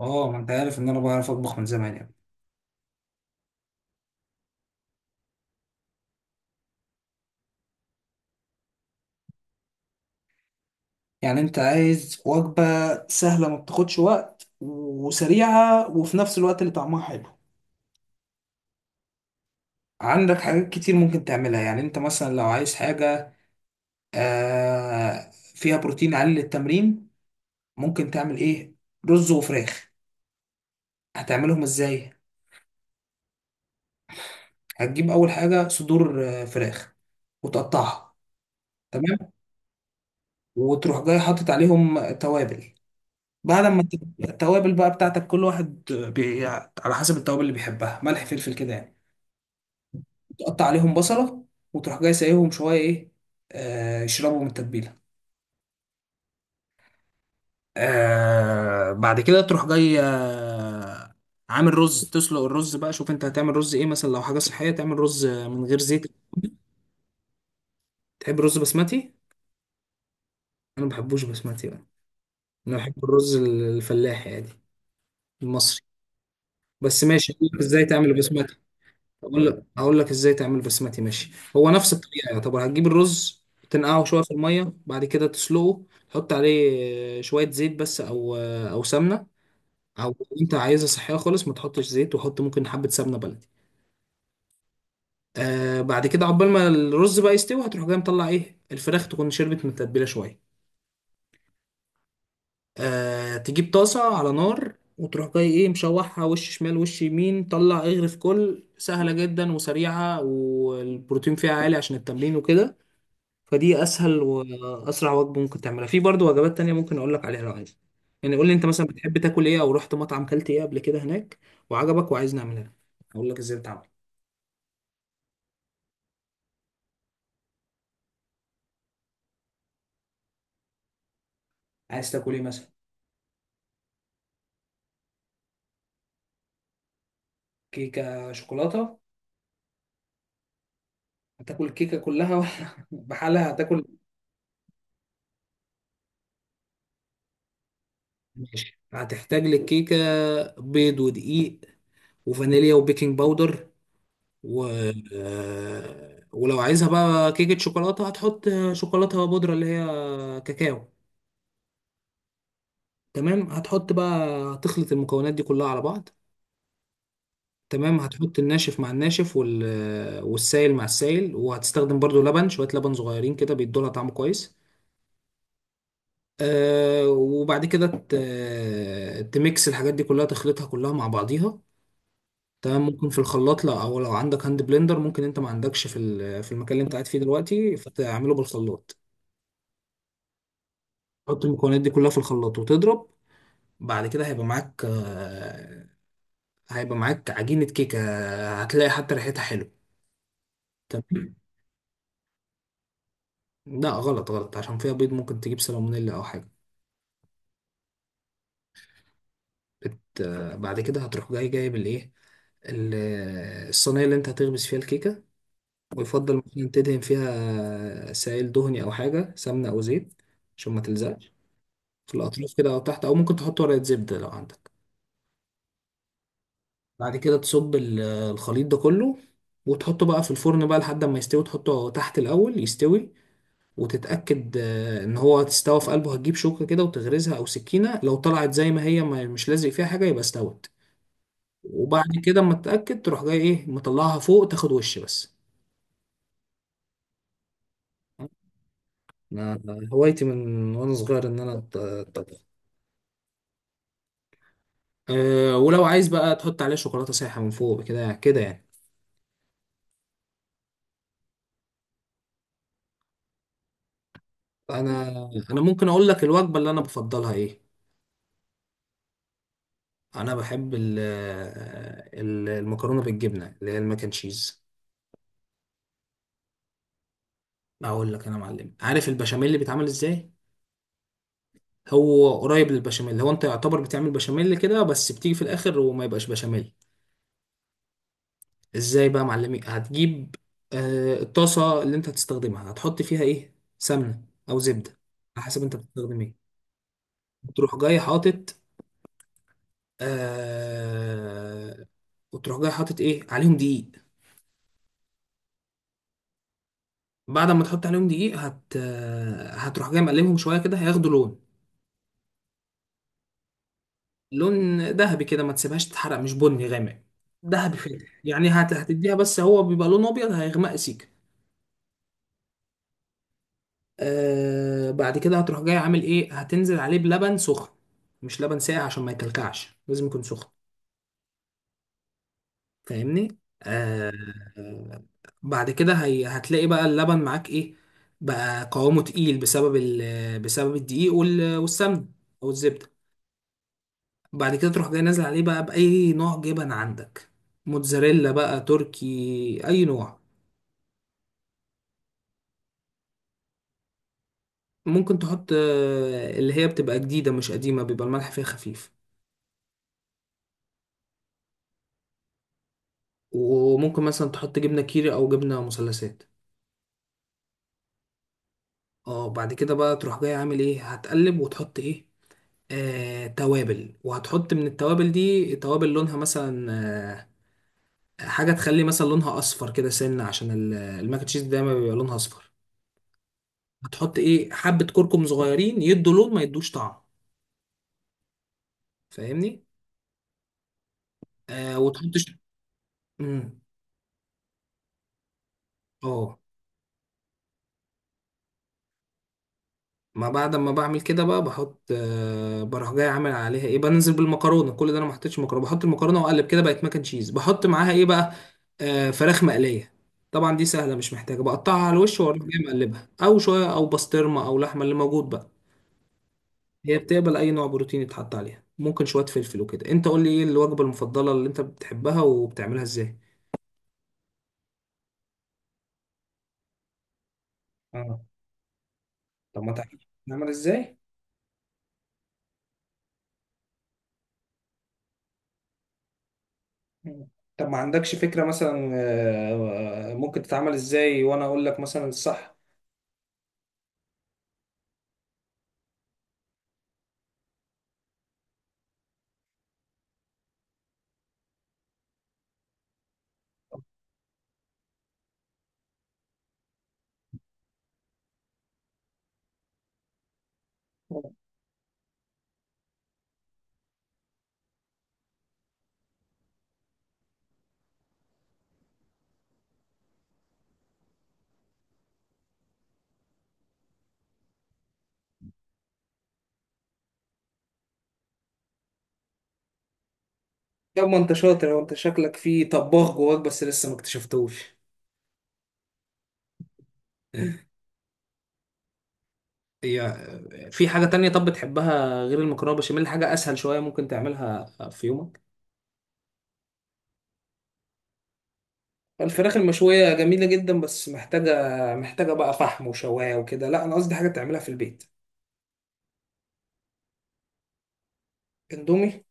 اه، ما انت عارف ان انا بعرف اطبخ من زمان يعني. يعني انت عايز وجبة سهلة ما بتاخدش وقت وسريعة وفي نفس الوقت اللي طعمها حلو؟ عندك حاجات كتير ممكن تعملها. يعني انت مثلا لو عايز حاجة فيها بروتين عالي للتمرين، ممكن تعمل ايه؟ رز وفراخ. هتعملهم ازاي؟ هتجيب اول حاجة صدور فراخ وتقطعها. تمام. وتروح جاي حاطط عليهم توابل بعد ما التوابل بقى بتاعتك، كل واحد على حسب التوابل اللي بيحبها، ملح فلفل كده يعني. تقطع عليهم بصلة، وتروح جاي سايبهم شوية ايه، يشربوا من التتبيلة. بعد كده تروح جاي عامل رز، تسلق الرز بقى. شوف انت هتعمل رز ايه، مثلا لو حاجة صحية تعمل رز من غير زيت. تحب رز بسمتي؟ انا ما بحبوش بسمتي بقى، انا بحب الرز الفلاحي عادي، المصري. بس ماشي، أقولك ازاي تعمل بسمتي. اقول لك ازاي تعمل بسمتي، ماشي. هو نفس الطريقه يعتبر. هتجيب الرز تنقعه شويه في الميه، بعد كده تسلقه. تحط عليه شويه زيت بس، او سمنه. او انت عايزها صحيه خالص ما تحطش زيت، وحط ممكن حبه سمنه بلدي. بعد كده عقبال ما الرز بقى يستوي، هتروح جاي مطلع ايه الفراخ، تكون شربت من التتبيله شويه. تجيب طاسه على نار وتروح جاي ايه مشوحها وش شمال وش يمين، طلع اغرف. كل سهله جدا وسريعه، والبروتين فيها عالي عشان التمرين وكده. فدي اسهل واسرع وجبه ممكن تعملها، في برضو وجبات تانية ممكن اقول لك عليها لو عايز. يعني قول لي انت مثلا بتحب تاكل ايه، او رحت مطعم كلت ايه قبل كده هناك وعجبك وعايز نعملها لك، اقول لك ازاي بتعمل. عايز تاكل ايه مثلا؟ كيكه شوكولاته؟ هتاكل الكيكه كلها ولا بحالها هتاكل؟ ماشي، هتحتاج للكيكه بيض ودقيق وفانيليا وبيكنج باودر و ولو عايزها بقى كيكه شوكولاته هتحط شوكولاته بودره، اللي هي كاكاو. تمام، هتحط بقى، هتخلط المكونات دي كلها على بعض. تمام، هتحط الناشف مع الناشف والسائل مع السائل. وهتستخدم برضو لبن، شوية لبن صغيرين كده بيدولها طعم كويس. وبعد كده تميكس الحاجات دي كلها، تخلطها كلها مع بعضيها. تمام، ممكن في الخلاط. لا او لو عندك هاند بلندر، ممكن انت ما عندكش في المكان اللي انت قاعد فيه دلوقتي، فتعمله بالخلاط. تحط المكونات دي كلها في الخلاط وتضرب. بعد كده هيبقى معاك عجينة كيكة، هتلاقي حتى ريحتها حلوة. طب لا، غلط غلط، عشان فيها بيض ممكن تجيب سالمونيلا او حاجه. بت... آه، بعد كده هتروح جاي جايب الايه، الصينيه اللي انت هتخبز فيها الكيكه. ويفضل مثلا تدهن فيها سائل دهني او حاجه، سمنه او زيت، عشان ما تلزقش في الاطراف كده او تحت، او ممكن تحط ورقه زبده لو عندك. بعد كده تصب الخليط ده كله، وتحطه بقى في الفرن بقى لحد ما يستوي. تحطه تحت الاول يستوي، وتتأكد ان هو تستوى في قلبه. هتجيب شوكة كده وتغرزها او سكينة، لو طلعت زي ما هي ما مش لازق فيها حاجة يبقى استوت. وبعد كده اما تتأكد تروح جاي ايه مطلعها فوق، تاخد وش بس. أنا هوايتي من وانا صغير ان انا اطبخ. ولو عايز بقى تحط عليها شوكولاتة سايحة من فوق، كده كده يعني. انا انا ممكن اقول لك الوجبة اللي انا بفضلها ايه. انا بحب المكرونة بالجبنة، اللي هي الماك اند تشيز. اقول لك انا معلم، عارف البشاميل اللي بيتعمل ازاي؟ هو قريب للبشاميل. هو انت يعتبر بتعمل بشاميل كده، بس بتيجي في الاخر وما يبقاش بشاميل. ازاي بقى يا معلمي؟ هتجيب الطاسه اللي انت هتستخدمها، هتحط فيها ايه، سمنه او زبده على حسب انت بتستخدم ايه. وتروح جاي حاطط آه وتروح جاي حاطط ايه عليهم، دقيق. بعد ما تحط عليهم دقيق، هت آه، هتروح جاي مقلبهم شويه كده، هياخدوا لون. لون ذهبي كده، ما تسيبهاش تتحرق، مش بني غامق. ذهبي فاتح يعني، هتديها بس. هو بيبقى لون ابيض هيغمق سيكه. بعد كده هتروح جاي عامل ايه، هتنزل عليه بلبن سخن. مش لبن ساقع، عشان ما يكلكعش لازم يكون سخن. فاهمني؟ آه. آه، بعد كده هي هتلاقي بقى اللبن معاك ايه، بقى قوامه تقيل بسبب بسبب الدقيق والسمن او الزبده. بعد كده تروح جاي نازل عليه بقى باي نوع جبن عندك، موتزاريلا بقى تركي، اي نوع. ممكن تحط اللي هي بتبقى جديده مش قديمه، بيبقى الملح فيها خفيف. وممكن مثلا تحط جبنة كيري او جبنة مثلثات. اه، بعد كده بقى تروح جاي عامل ايه، هتقلب وتحط ايه، توابل. وهتحط من التوابل دي توابل لونها مثلا آه، حاجة تخلي مثلا لونها أصفر كده سنة، عشان الماك أند تشيز دايما بيبقى لونها أصفر. هتحط إيه، حبة كركم صغيرين، يدوا لون ما يدوش طعم. فاهمني؟ وتحط مم. اه، ما بعد ما بعمل كده بقى بحط بروح جاي عامل عليها ايه، بنزل بالمكرونه. كل ده انا ما حطيتش مكرونه، بحط المكرونه واقلب كده، بقت ماكن تشيز. بحط معاها ايه بقى، فراخ مقليه. طبعا دي سهله مش محتاجه، بقطعها على الوش واروح جاي مقلبها. او شويه او بسطرمه او لحمه اللي موجود بقى، هي بتقبل اي نوع بروتين يتحط عليها، ممكن شويه فلفل وكده. انت قول لي ايه الوجبه المفضله اللي انت بتحبها وبتعملها ازاي. اه. طب، ما تعرف نعمل ازاي؟ مم. طب ما عندكش فكرة مثلا ممكن تتعمل ازاي، وانا اقول لك مثلا الصح. طب، ما انت شاطر، وانت شكلك فيه طباخ جواك بس لسه ما اكتشفتوش. هي في حاجة تانية طب بتحبها غير المكرونة بشاميل، حاجة أسهل شوية ممكن تعملها في يومك؟ الفراخ المشوية جميلة جدا، بس محتاجة. محتاجة بقى فحم وشواية وكده، لا أنا قصدي حاجة تعملها في البيت. اندومي.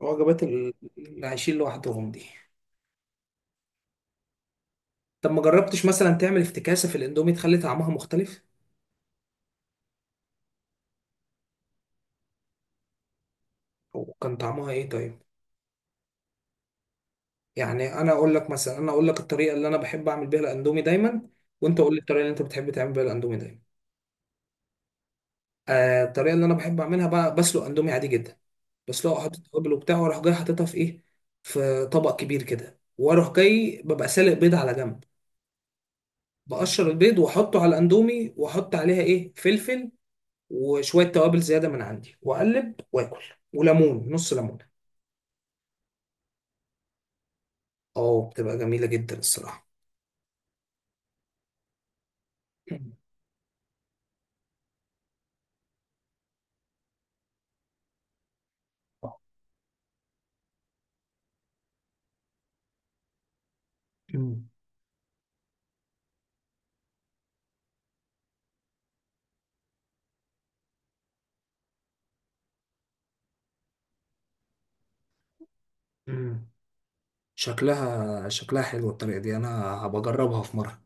وجبات اللي عايشين لوحدهم دي. طب ما جربتش مثلا تعمل افتكاسة في الاندومي تخلي طعمها مختلف؟ وكان طعمها ايه طيب؟ يعني انا اقول لك الطريقه اللي انا بحب اعمل بيها الاندومي دايما، وانت قول لي الطريقه اللي انت بتحب تعمل بيها الاندومي دايما. الطريقه اللي انا بحب اعملها بقى، بسلق اندومي عادي جدا، بسلقه احط توابل وبتاع، واروح جاي حاططها في ايه، في طبق كبير كده. واروح جاي ببقى سالق بيض على جنب، بقشر البيض واحطه على الاندومي، واحط عليها ايه، فلفل وشويه توابل زياده من عندي، واقلب واكل، وليمون، نص ليمونه. اه، بتبقى جميله جدا الصراحه. مم. مم. شكلها شكلها حلو الطريقة دي، أنا هبجربها في مرة.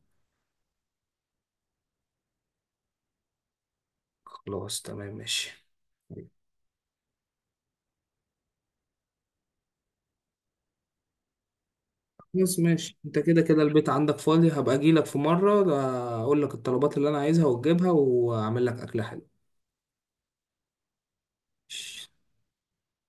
خلاص تمام ماشي. خلاص ماشي، أنت كده كده البيت عندك فاضي، هبقى أجيلك في مرة، أقول لك الطلبات اللي أنا عايزها وتجيبها وأعمل لك أكلة حلوة.